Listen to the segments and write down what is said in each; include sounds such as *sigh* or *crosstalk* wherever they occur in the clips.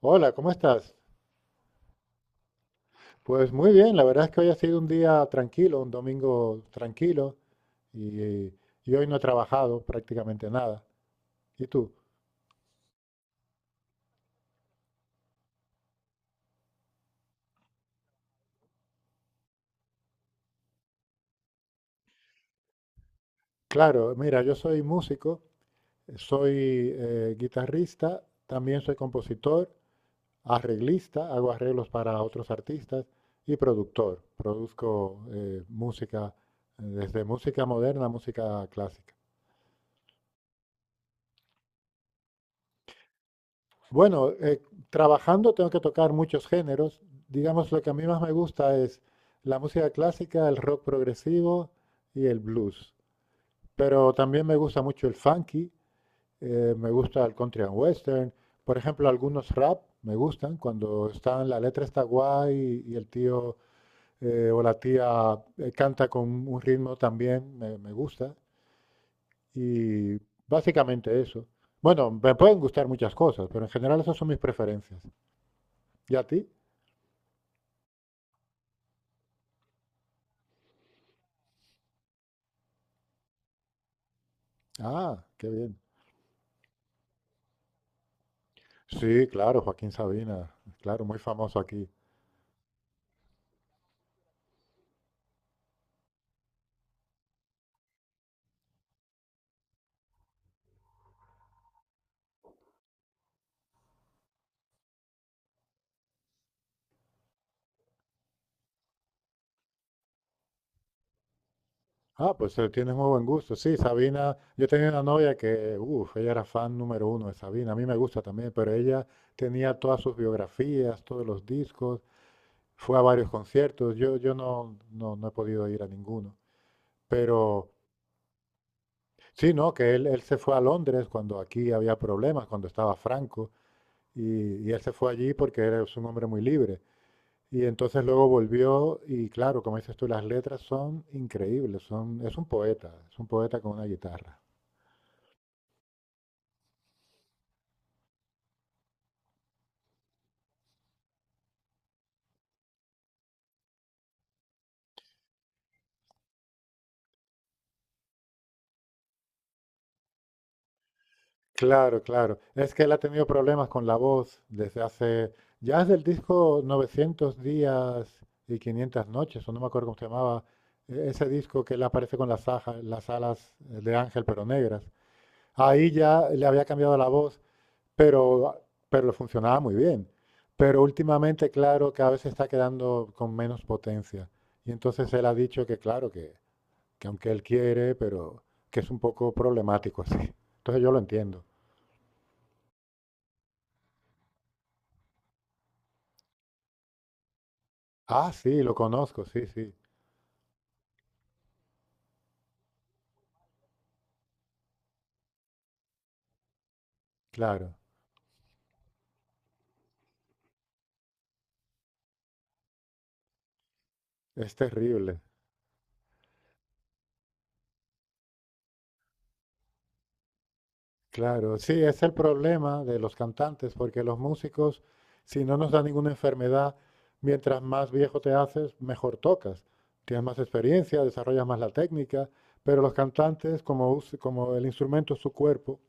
Hola, ¿cómo estás? Pues muy bien, la verdad es que hoy ha sido un día tranquilo, un domingo tranquilo y, y hoy no he trabajado prácticamente nada. ¿Y tú? Claro, mira, yo soy músico, soy guitarrista, también soy compositor, arreglista, hago arreglos para otros artistas y productor. Produzco música, desde música moderna a música clásica. Bueno, trabajando tengo que tocar muchos géneros. Digamos, lo que a mí más me gusta es la música clásica, el rock progresivo y el blues. Pero también me gusta mucho el funky, me gusta el country and western. Por ejemplo, algunos rap me gustan cuando están, la letra está guay y el tío o la tía canta con un ritmo también, me gusta. Y básicamente eso. Bueno, me pueden gustar muchas cosas, pero en general esas son mis preferencias. ¿Y a ti? Ah, qué bien. Sí, claro, Joaquín Sabina, claro, muy famoso aquí. Ah, pues tienes muy buen gusto. Sí, Sabina, yo tenía una novia que, uff, ella era fan número uno de Sabina, a mí me gusta también, pero ella tenía todas sus biografías, todos los discos, fue a varios conciertos, yo, no he podido ir a ninguno. Pero sí, no, que él se fue a Londres cuando aquí había problemas, cuando estaba Franco, y él se fue allí porque era es un hombre muy libre. Y entonces luego volvió y claro, como dices tú, las letras son increíbles, son, es un poeta con una guitarra. Claro, claro. Es que él ha tenido problemas con la voz desde hace, ya desde el disco 900 días y 500 noches, o no me acuerdo cómo se llamaba, ese disco que él aparece con las, las alas de ángel pero negras. Ahí ya le había cambiado la voz. Pero, pero le funcionaba muy bien. Pero últimamente, claro, cada vez se está quedando con menos potencia. Y entonces él ha dicho que, claro, que aunque él quiere, pero que es un poco problemático *laughs* así. Entonces yo lo entiendo. Ah, sí, lo conozco, sí, sí, claro. Es terrible. Claro, sí, es el problema de los cantantes, porque los músicos, si no nos da ninguna enfermedad, mientras más viejo te haces, mejor tocas. Tienes más experiencia, desarrollas más la técnica, pero los cantantes, como el instrumento es su cuerpo,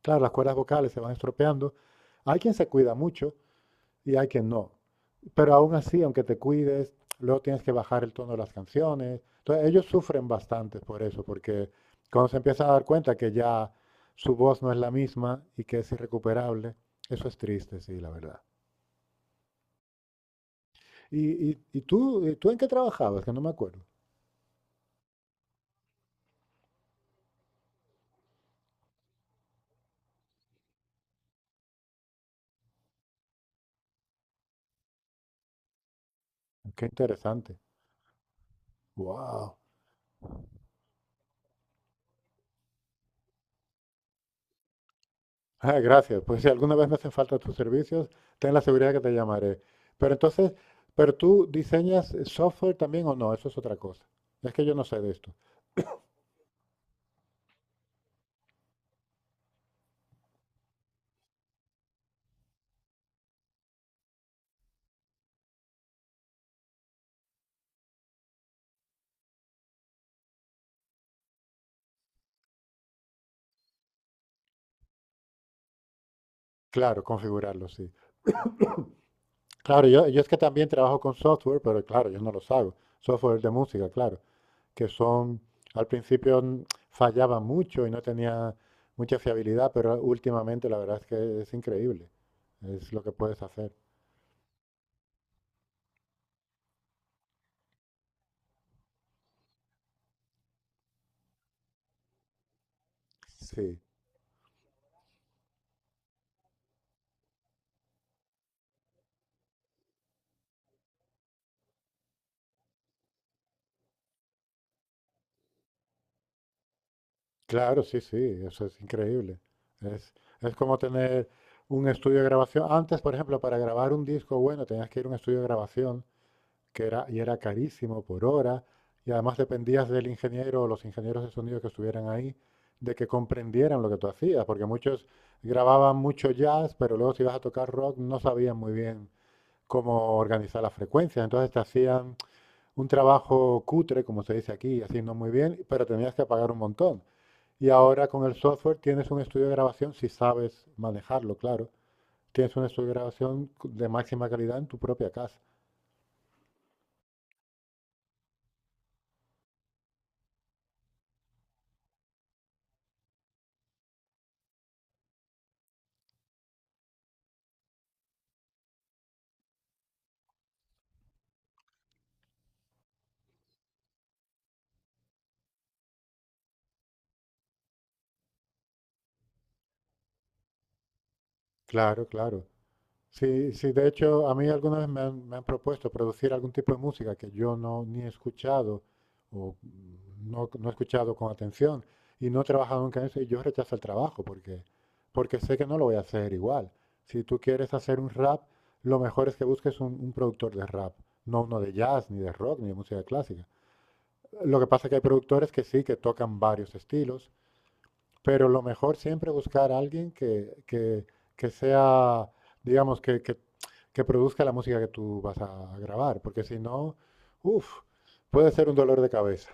claro, las cuerdas vocales se van estropeando. Hay quien se cuida mucho, y hay que no. Pero aún así, aunque te cuides, luego tienes que bajar el tono de las canciones. Entonces, ellos sufren bastante por eso, porque cuando se empiezan a dar cuenta que ya su voz no es la misma y que es irrecuperable, eso es triste, sí, la verdad. ¿Y y tú en qué trabajabas? Que no me acuerdo. Qué interesante. ¡Wow! Ah, gracias. Pues si alguna vez me hacen falta tus servicios, ten la seguridad que te llamaré. Pero entonces, ¿pero tú diseñas software también o no? Eso es otra cosa. Es que yo no sé de esto. Claro, configurarlo, sí. Claro, yo es que también trabajo con software, pero claro, yo no los hago. Software de música, claro, que son, al principio fallaba mucho y no tenía mucha fiabilidad, pero últimamente la verdad es que es increíble. Es lo que puedes hacer. Sí, claro, sí, sí, eso es increíble. Es, es como tener un estudio de grabación. Antes, por ejemplo, para grabar un disco bueno tenías que ir a un estudio de grabación que era, y era carísimo por hora, y además dependías del ingeniero o los ingenieros de sonido que estuvieran ahí, de que comprendieran lo que tú hacías, porque muchos grababan mucho jazz, pero luego si ibas a tocar rock no sabían muy bien cómo organizar las frecuencias, entonces te hacían un trabajo cutre, como se dice aquí, así no muy bien, pero tenías que pagar un montón. Y ahora con el software tienes un estudio de grabación, si sabes manejarlo, claro, tienes un estudio de grabación de máxima calidad en tu propia casa. Claro, claro. Sí, sí, de hecho, a mí alguna vez me han propuesto producir algún tipo de música que yo no ni he escuchado o no, no he escuchado con atención y no he trabajado nunca en eso y yo rechazo el trabajo porque sé que no lo voy a hacer igual. Si tú quieres hacer un rap, lo mejor es que busques un productor de rap, no uno de jazz, ni de rock, ni de música clásica. Lo que pasa es que hay productores que sí, que tocan varios estilos pero lo mejor siempre buscar a alguien que, que sea, digamos, que, que- que produzca la música que tú vas a grabar, porque si no, uff, puede ser un dolor de cabeza.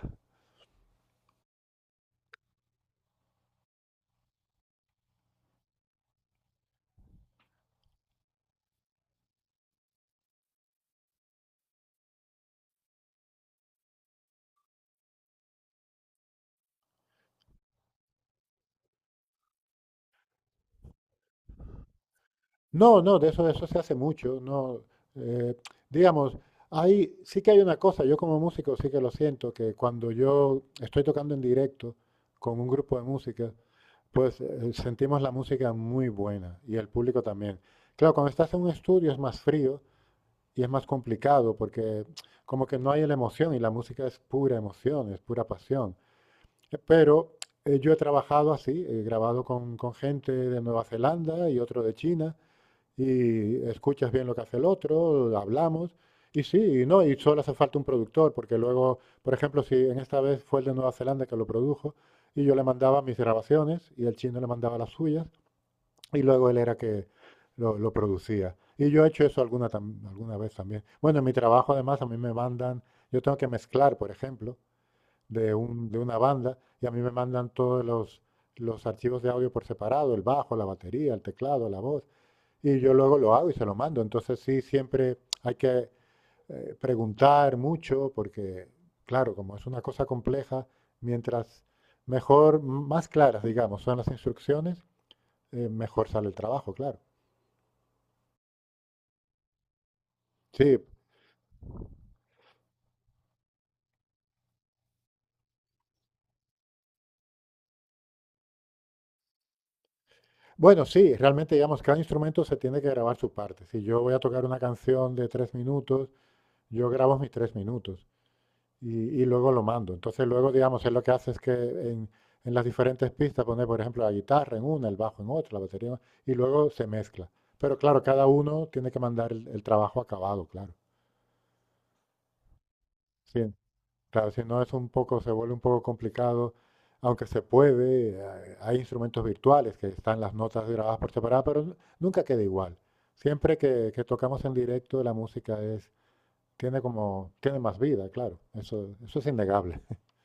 No, no, de eso se hace mucho, no, eh, digamos, hay, sí que hay una cosa, yo como músico sí que lo siento, que cuando yo estoy tocando en directo con un grupo de música, pues sentimos la música muy buena y el público también. Claro, cuando estás en un estudio es más frío y es más complicado porque como que no hay la emoción y la música es pura emoción, es pura pasión. Pero yo he trabajado así, he grabado con gente de Nueva Zelanda y otro de China y escuchas bien lo que hace el otro, hablamos y sí, y no, y solo hace falta un productor porque luego, por ejemplo, si en esta vez fue el de Nueva Zelanda que lo produjo y yo le mandaba mis grabaciones y el chino le mandaba las suyas y luego él era que lo producía. Y yo he hecho eso alguna, alguna vez también. Bueno, en mi trabajo además a mí me mandan, yo tengo que mezclar, por ejemplo, de una banda y a mí me mandan todos los archivos de audio por separado, el bajo, la batería, el teclado, la voz, y yo luego lo hago y se lo mando. Entonces sí, siempre hay que preguntar mucho porque, claro, como es una cosa compleja, mientras mejor, más claras, digamos, son las instrucciones, mejor sale el trabajo, claro. Sí, bueno, sí, realmente, digamos, cada instrumento se tiene que grabar su parte. Si yo voy a tocar una canción de 3 minutos, yo grabo mis 3 minutos y luego lo mando. Entonces, luego, digamos, él lo que hace es que en las diferentes pistas pone, por ejemplo, la guitarra en una, el bajo en otra, la batería, en otra, y luego se mezcla. Pero claro, cada uno tiene que mandar el trabajo acabado, claro. Sí, claro, si no es un poco, se vuelve un poco complicado, aunque se puede, hay instrumentos virtuales que están las notas grabadas por separado, pero nunca queda igual. Siempre que tocamos en directo, la música es, tiene como, tiene más vida, claro. Eso es innegable. *laughs*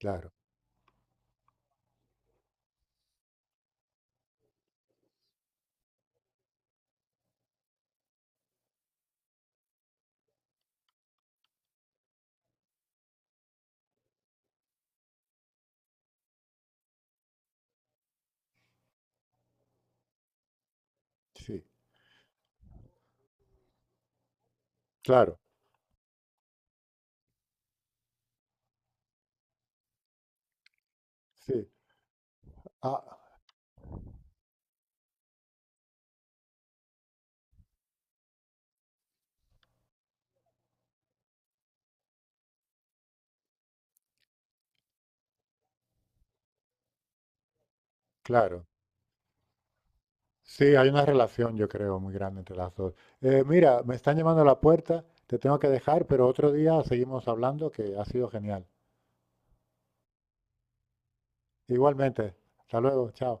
Claro, sí, claro, sí. Ah, claro. Sí, hay una relación, yo creo, muy grande entre las dos. Mira, me están llamando a la puerta, te tengo que dejar, pero otro día seguimos hablando, que ha sido genial. Igualmente, hasta luego, chao.